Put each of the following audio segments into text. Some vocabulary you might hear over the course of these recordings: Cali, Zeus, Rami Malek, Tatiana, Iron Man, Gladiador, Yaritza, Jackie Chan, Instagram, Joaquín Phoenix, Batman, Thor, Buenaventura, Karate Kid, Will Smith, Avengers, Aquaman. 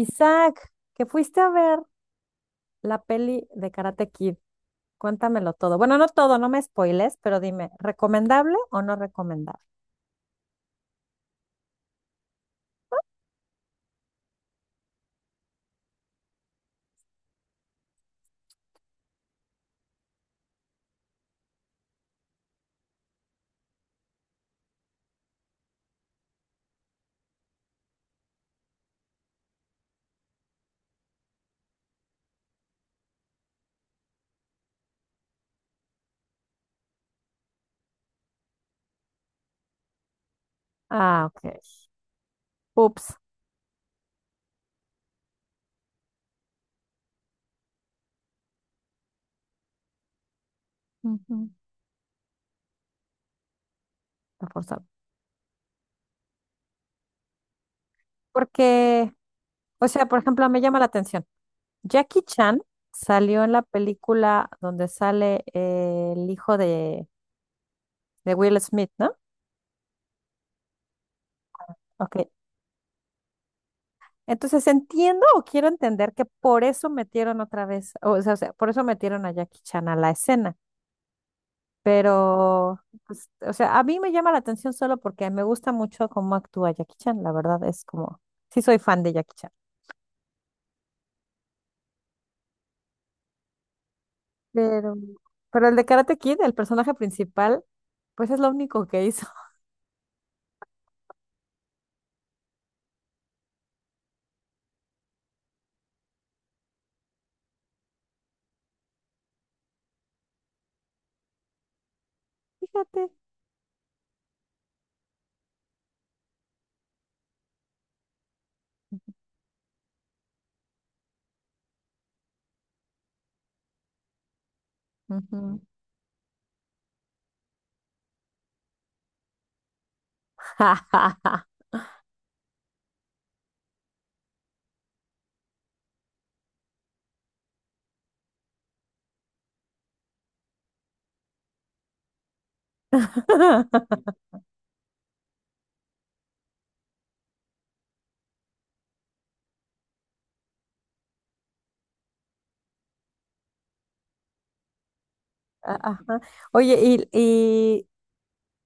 Isaac, que fuiste a ver la peli de Karate Kid, cuéntamelo todo. Bueno, no todo, no me spoiles, pero dime, ¿recomendable o no recomendable? Ah, ok. Ups. Ujú, la forzaba. Porque, o sea, por ejemplo, me llama la atención. Jackie Chan salió en la película donde sale el hijo de Will Smith, ¿no? Ok. Entonces entiendo o quiero entender que por eso metieron otra vez, o sea, por eso metieron a Jackie Chan a la escena. Pero, pues, o sea, a mí me llama la atención solo porque me gusta mucho cómo actúa Jackie Chan, la verdad es como, sí soy fan de Jackie Chan. Pero, pero el de Karate Kid, el personaje principal, pues es lo único que hizo. Fíjate. Ujú. Ajá. Oye, y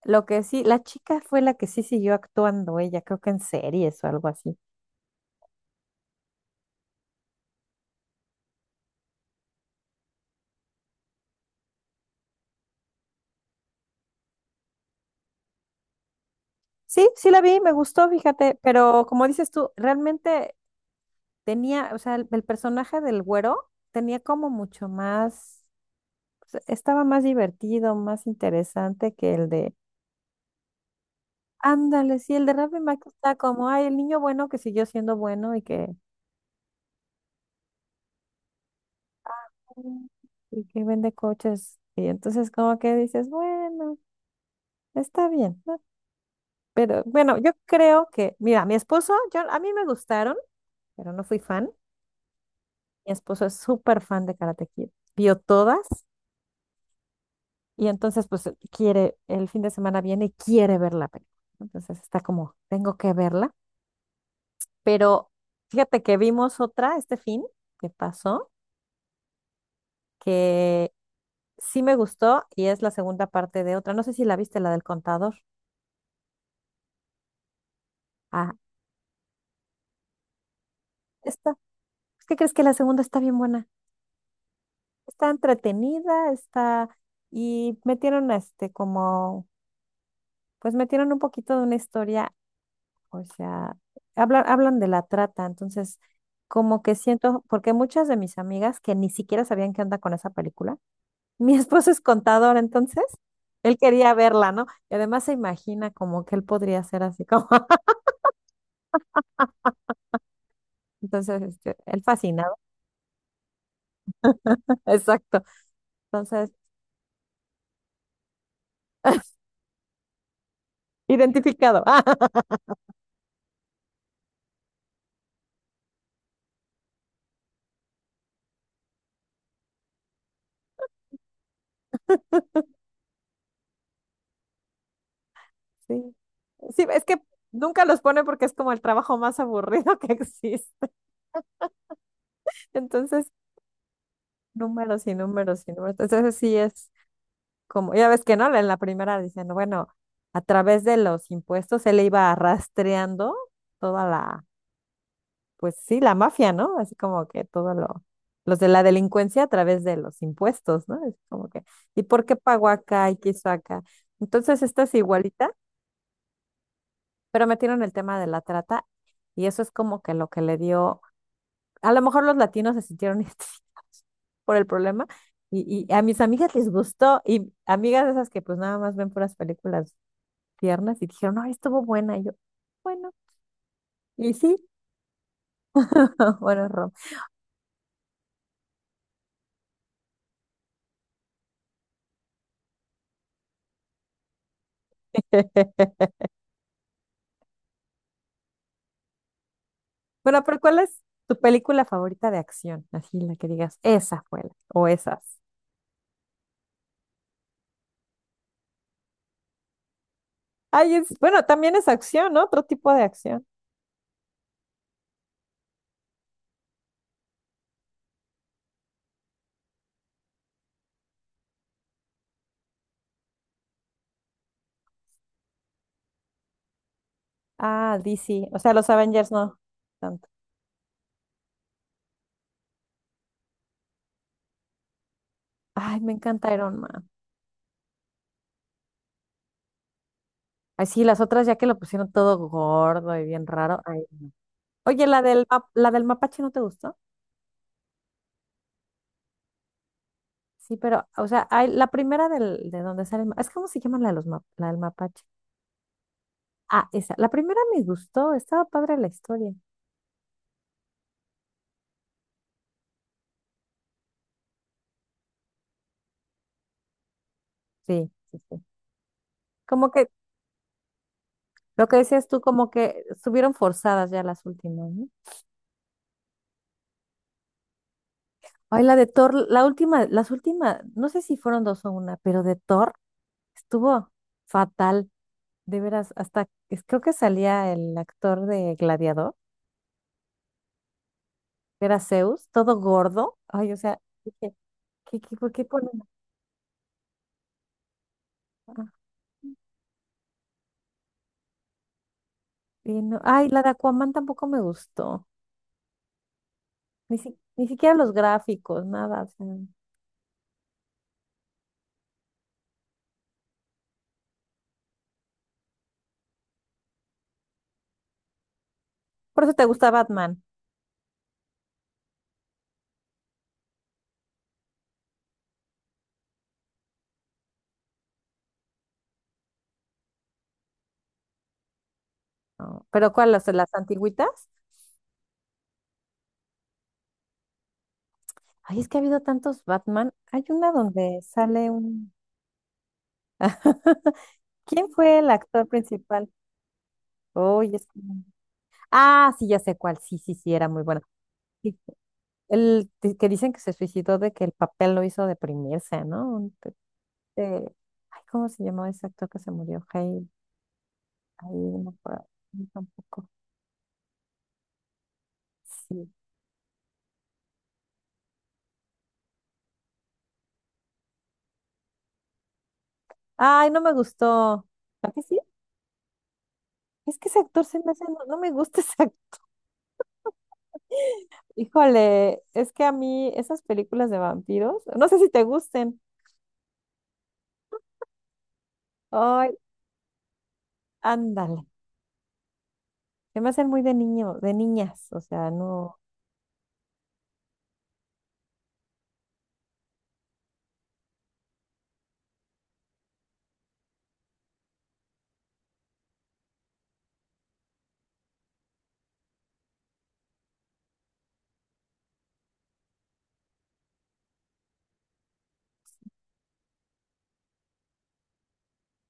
lo que sí, la chica fue la que sí siguió actuando, ella creo que en series o algo así. Sí, sí la vi, me gustó, fíjate, pero como dices tú, realmente tenía, o sea, el personaje del güero tenía como mucho más, o sea, estaba más divertido, más interesante que el de, ándale, sí, el de Rami Malek está como, ay, el niño bueno que siguió siendo bueno y que vende coches. Y entonces como que dices, bueno, está bien, ¿no? Pero bueno, yo creo que, mira, mi esposo, yo, a mí me gustaron, pero no fui fan. Mi esposo es súper fan de Karate Kid. Vio todas. Y entonces, pues quiere, el fin de semana viene y quiere ver la película, ¿no? Entonces está como, tengo que verla. Pero fíjate que vimos otra este fin que pasó, que sí me gustó y es la segunda parte de otra. No sé si la viste, la del contador. Ah, esta. Pues, ¿qué crees que la segunda está bien buena? Está entretenida, está... Y metieron este como, pues metieron un poquito de una historia. O sea, hablan de la trata, entonces como que siento, porque muchas de mis amigas que ni siquiera sabían qué onda con esa película. Mi esposo es contador, entonces él quería verla, ¿no? Y además se imagina como que él podría ser así como... Entonces este, él fascinado. Exacto, entonces identificado. Ah, sí, sí, es que nunca los pone porque es como el trabajo más aburrido que existe, entonces números y números y números, entonces sí es. Como ya ves que no, en la primera dicen, bueno, a través de los impuestos él iba rastreando toda la, pues sí, la mafia, ¿no? Así como que todo lo, los de la delincuencia a través de los impuestos, ¿no? Es como que, ¿y por qué pagó acá y quiso acá? Entonces esta es igualita, pero metieron el tema de la trata y eso es como que lo que le dio, a lo mejor los latinos se sintieron identificados por el problema. Y a mis amigas les gustó, y amigas de esas que pues nada más ven puras películas piernas y dijeron, ay, estuvo buena. Y yo, bueno, y sí, bueno, Rom. Bueno, pero ¿cuál es tu película favorita de acción? Así la que digas, esa fue la, o esas. Ay, es, bueno, también es acción, ¿no? Otro tipo de acción. Ah, DC, o sea, los Avengers no tanto. Ay, me encanta Iron Man. Ay, sí, las otras ya que lo pusieron todo gordo y bien raro. Ay. No. Oye, la del, map- la del mapache, ¿no te gustó? Sí, pero, o sea, hay, la primera del, de donde sale el, ma- es, ¿cómo se llama la de los map- la del mapache? Ah, esa. La primera me gustó, estaba padre la historia. Sí, sí, sí. Como que lo que decías tú, como que estuvieron forzadas ya las últimas, ¿no? Ay, la de Thor, la última, las últimas, no sé si fueron dos o una, pero de Thor estuvo fatal, de veras, hasta es- creo que salía el actor de Gladiador, que era Zeus, todo gordo. Ay, o sea, dije, ¿qué, qué, por qué ponen acá? Y no- ay, la de Aquaman tampoco me gustó, ni, si- ni siquiera los gráficos, nada, o sea... Por eso te gusta Batman. No, ¿pero cuál? Las antigüitas? Ay, es que ha habido tantos Batman. Hay una donde sale un... ¿Quién fue el actor principal? Oye, es que- no. Ah, sí, ya sé cuál. Sí, sí, sí, era muy bueno. Sí, el di- que dicen que se suicidó de que el papel lo hizo deprimirse, ¿no? Un pe- eh, ay, ¿cómo se llamaba ese actor que se murió? Hey, ahí no puedo- no, tampoco. Sí. Ay, no me gustó. ¿A que sí? Es que ese actor se me hace, no, no me gusta ese. Híjole, es que a mí esas películas de vampiros, no sé si te gusten. Ay, ándale. Se me hacen muy de niño, de niñas. O sea, no.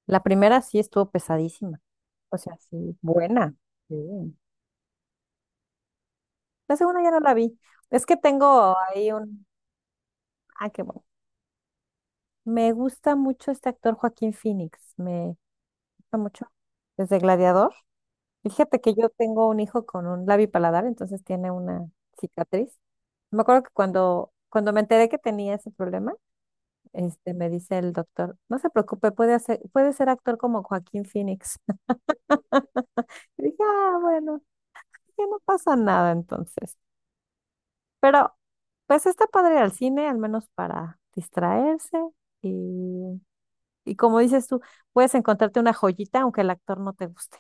La primera sí estuvo pesadísima. O sea, sí, buena. Sí. La segunda ya no la vi. Es que tengo ahí un. Ah, qué bueno. Me gusta mucho este actor Joaquín Phoenix. Me gusta mucho. Desde Gladiador. Fíjate que yo tengo un hijo con un labipaladar, entonces tiene una cicatriz. Me acuerdo que cuando, cuando me enteré que tenía ese problema, este, me dice el doctor, no se preocupe, puede hacer, puede ser actor como Joaquín Phoenix. Y dije, ah, bueno, que no pasa nada entonces. Pero, pues está padre ir al cine, al menos para distraerse. Y, y como dices tú, puedes encontrarte una joyita aunque el actor no te guste.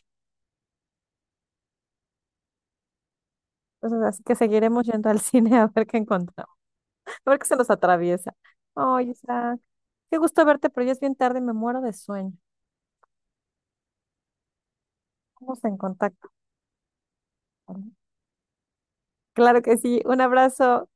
Entonces, así que seguiremos yendo al cine a ver qué encontramos. Porque se los atraviesa. Oye, Isaac, qué gusto verte, pero ya es bien tarde y me muero de sueño. Vamos en contacto, ¿no? Claro que sí. Un abrazo.